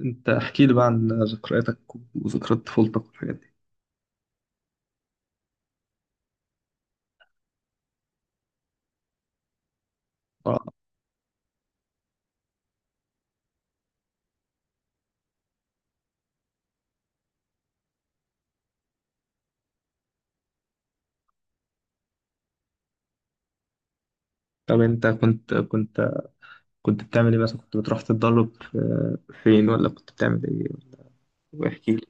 انت احكي لي بقى عن ذكرياتك وذكريات طفولتك والحاجات دي. آه. طب انت كنت بتعمل ايه مثلا؟ كنت بتروح تتدرب فين، ولا كنت بتعمل ايه؟ واحكي لي.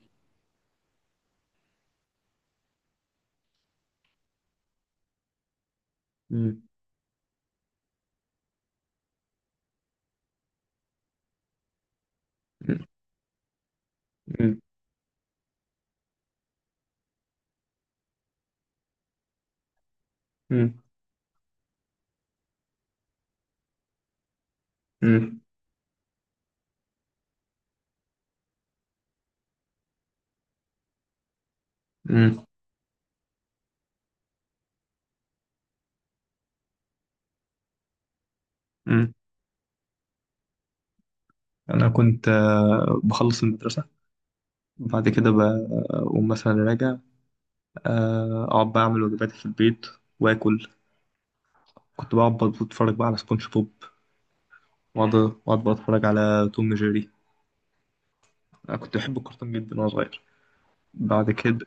مم. مم. مم. مم. مم. مم. انا كنت بخلص المدرسة، وبعد كده بقوم مثلا راجع. اقعد بقى اعمل واجباتي في البيت واكل. كنت بقعد بتفرج بقى على سبونج بوب، واقعد بتفرج على توم جيري. انا كنت بحب الكرتون جدا وانا صغير. بعد كده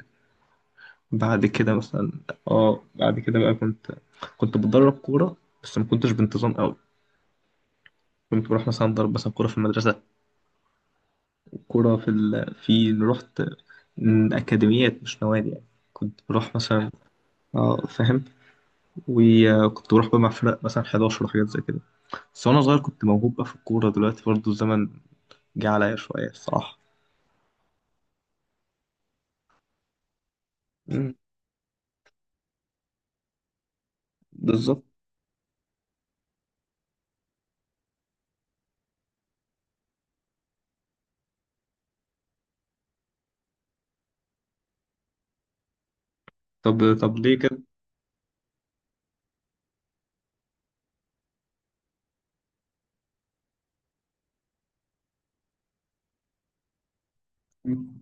بعد كده مثلا. اه، بعد كده بقى كنت بتدرب كورة، بس ما كنتش بانتظام قوي. كنت بروح مثلا ضرب مثلا كورة في المدرسة، كورة في رحت أكاديميات مش نوادي يعني. كنت بروح مثلا. اه، فاهم. وكنت بروح بقى مع فرق مثلا 11 وحاجات زي كده. بس وأنا صغير كنت موهوب بقى في الكورة، دلوقتي برضه الزمن جه عليا شوية الصراحة. مم، بالظبط. طب ليه كده؟ مم.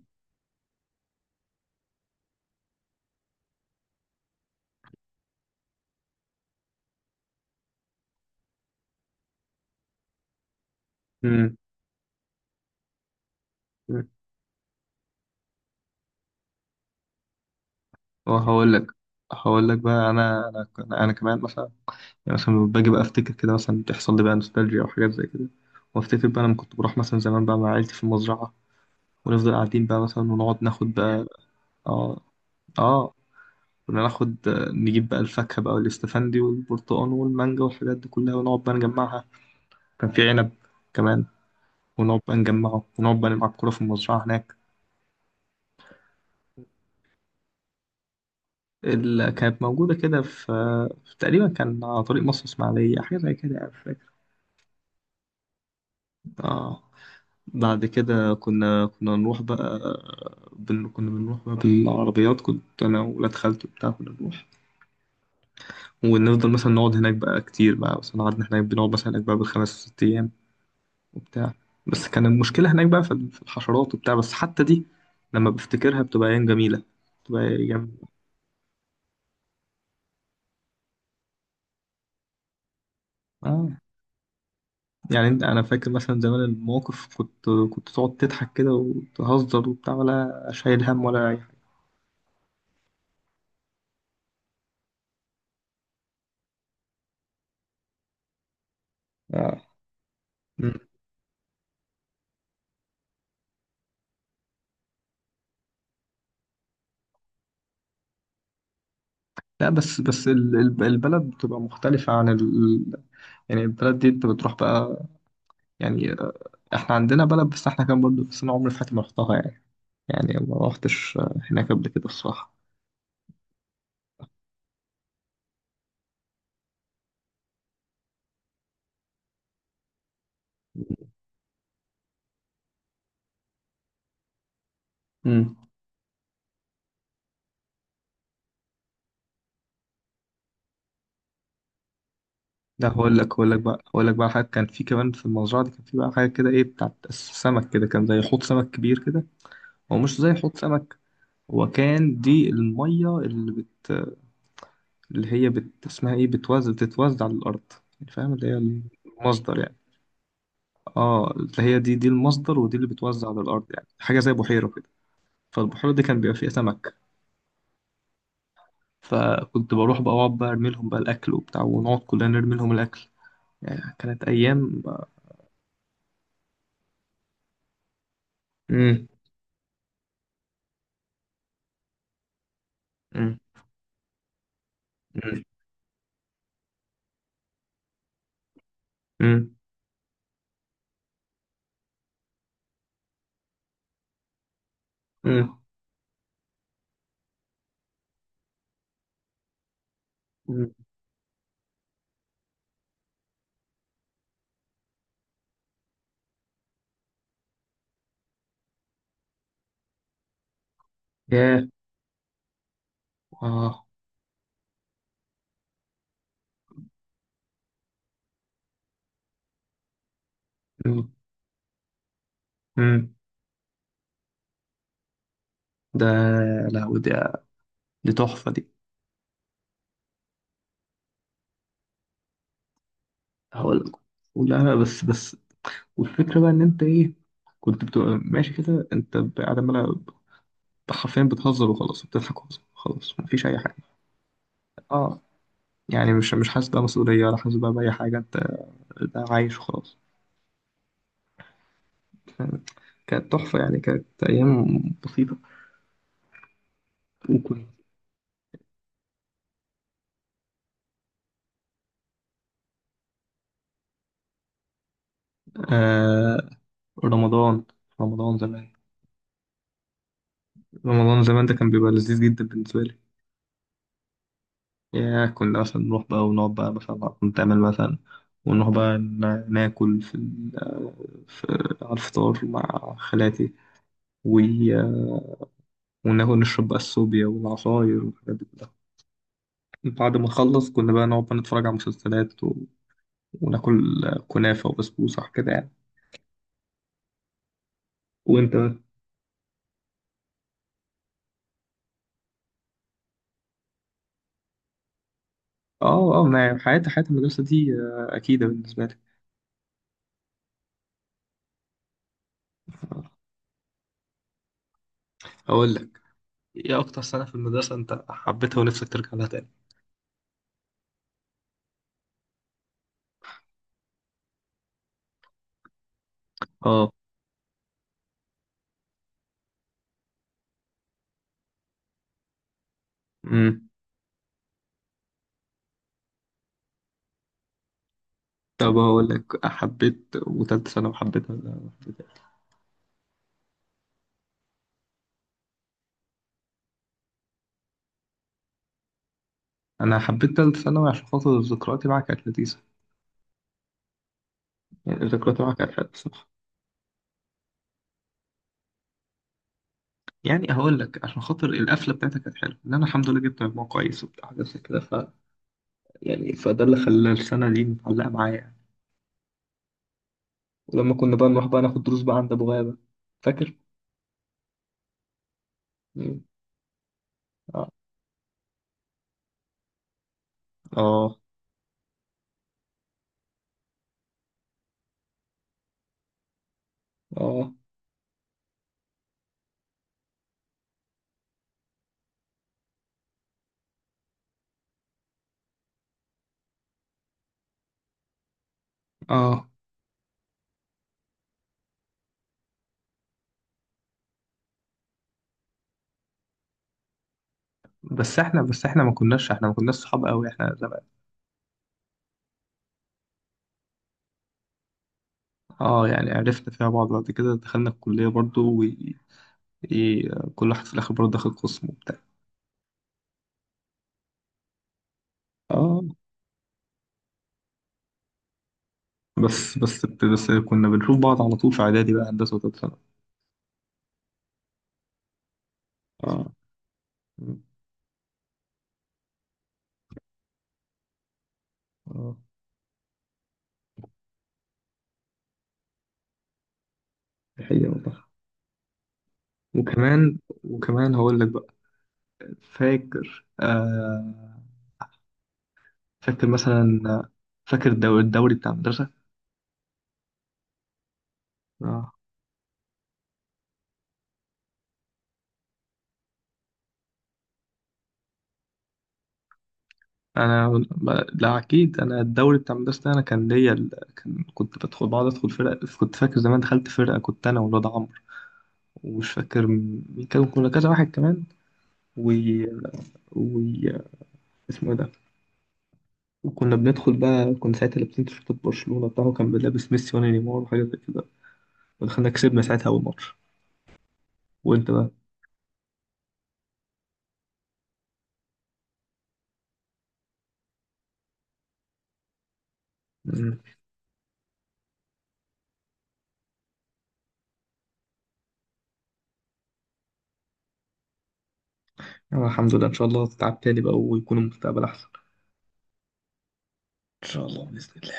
مم. وهقول لك هقول لك بقى، أنا، أنا كمان مثلا، يعني مثلا لما باجي بقى افتكر كده مثلا تحصل لي بقى نوستالجيا او حاجات زي كده، وافتكر بقى لما كنت بروح مثلا زمان بقى مع عيلتي في المزرعة، ونفضل قاعدين بقى مثلا ونقعد ناخد بقى. اه. اه. كنا ناخد، نجيب بقى الفاكهة بقى والاستفندي والبرتقال والمانجا والحاجات دي كلها ونقعد بقى نجمعها. كان في عنب كمان، ونقعد بقى نجمعه، ونقعد بقى نلعب كورة في المزرعة هناك. اللي كانت موجودة كده في تقريبا كان على طريق مصر إسماعيلية، حاجة زي كده يعني، مش فاكر. اه. بعد كده كنا نروح بقى. كنا بنروح بقى بالعربيات، كنت أنا وولاد خالتي وبتاع، كنا نروح ونفضل مثلا نقعد هناك بقى كتير بقى. بس قعدنا هناك، بنقعد مثلا هناك بقى بالخمس ست أيام وبتاع. بس كان المشكلة هناك بقى في الحشرات وبتاع، بس حتى دي لما بفتكرها بتبقى أيام جميلة، بتبقى أيام. آه يعني أنا فاكر مثلا زمان المواقف، كنت تقعد تضحك كده وتهزر وبتاع، ولا شايل هم ولا أي حاجة. آه. لا، بس البلد بتبقى مختلفة عن ال... يعني البلد دي انت بتروح بقى. يعني، احنا عندنا بلد بس احنا كان برضو، بس انا عمري في حياتي ما رحتها يعني. يعني ما رحتش، هناك قبل كده الصراحة. امم. لا، هقول لك بقى حاجة. كان في كمان في المزرعة دي، كان في بقى حاجة كده ايه بتاعت السمك كده، كان زي حوض سمك كبير كده. هو مش زي حوض سمك. هو كان دي المية اللي بت، اللي هي بت اسمها ايه، بتوزع بتتوزع على الأرض، يعني فاهم اللي هي المصدر يعني. اه، هي دي المصدر، ودي اللي بتوزع على الارض، يعني حاجه زي بحيره كده. فالبحيره دي كان بيبقى فيها سمك. فكنت بروح بقى اقعد بقى ارمي لهم بقى الاكل وبتاع، ونقعد كلنا نرمي لهم الاكل. يعني كانت ايام. امم. امم. امم. امم. امم. ياه. اه. مم. مم. ده. لا، ودي، دي تحفة دي. هقول لك. لا، بس. والفكرة بقى ان انت ايه، كنت بتبقى ماشي كده انت قاعد عمال حرفيا بتهزر وخلاص، بتضحك وخلاص، خلاص مفيش اي حاجة. اه. يعني مش حاسس بقى مسؤولية، ولا حاسس بقى بأي حاجة، انت عايش وخلاص. فاهم؟ كانت تحفة يعني، كانت أيام بسيطة. وكنت آه رمضان. رمضان زمان. رمضان زمان ده كان بيبقى لذيذ جدا بالنسبة لي. يا كنا مثلا نروح بقى ونقعد بقى مثلا نتعمل مثلا، ونروح بقى ناكل في على الفطار مع خالاتي. و- وناكل نشرب بقى الصوبيا والعصاير والحاجات دي كلها. بعد ما نخلص كنا بقى نقعد بقى نتفرج على مسلسلات، وناكل كنافة وبسبوسة كده يعني. وانت بقى. اه. اه، ما حياة المدرسة دي، أكيدة بالنسبة لي. هقول لك، ايه اكتر سنة في المدرسة انت حبيتها ونفسك ترجع لها تاني؟ اه. امم. طب هقول لك، حبيت وتالتة ثانوي، حبيتها ولا حبيتها؟ أنا حبيت تالتة ثانوي عشان خاطر ذكرياتي معاك كانت لذيذة. يعني ذكرياتي معاك كانت حلوة بصراحة. يعني هقول لك، عشان خاطر القفلة بتاعتك كانت حلوة، إن أنا الحمد لله جبت مجموع كويس وبتاع حاجات زي كده. ف يعني، فده اللي خلى السنة دي متعلقة معايا. ولما كنا بقى نروح بقى ناخد دروس بقى عند ابو غابة، فاكر؟ مم. اه. اه. اه. اه. بس احنا ما كناش صحاب قوي احنا زمان. اه، يعني عرفنا فيها بعض، بعد كده دخلنا الكلية برضو و إيه، كل واحد في الاخر برضو دخل قسم وبتاع. اه، بس كنا بنشوف بعض على طول في اعدادي بقى، هندسة، وتالتة ثانوي. اه. مم. اه، دي حقيقة والله. وكمان هقول لك بقى، فاكر. فاكر مثلا، فاكر الدوري بتاع المدرسة؟ آه. أنا لا، أكيد أنا الدوري بتاع المدرسة ده أنا كان ليا ال... كنت بقعد أدخل فرق. كنت فاكر زمان دخلت فرقة كنت أنا والواد عمرو، ومش فاكر مين كان، كنا كذا واحد كمان و... و... اسمه إيه ده. وكنا بندخل بقى، كنا ساعتها لابسين تيشيرتات برشلونة، بتاعه كان لابس ميسي وأنا نيمار وحاجة زي كده. ودخلنا كسبنا ساعتها أول ماتش. وأنت بقى. مم. الحمد لله. إن شاء الله تتعب تاني بقى ويكون المستقبل أحسن. إن شاء الله بإذن الله.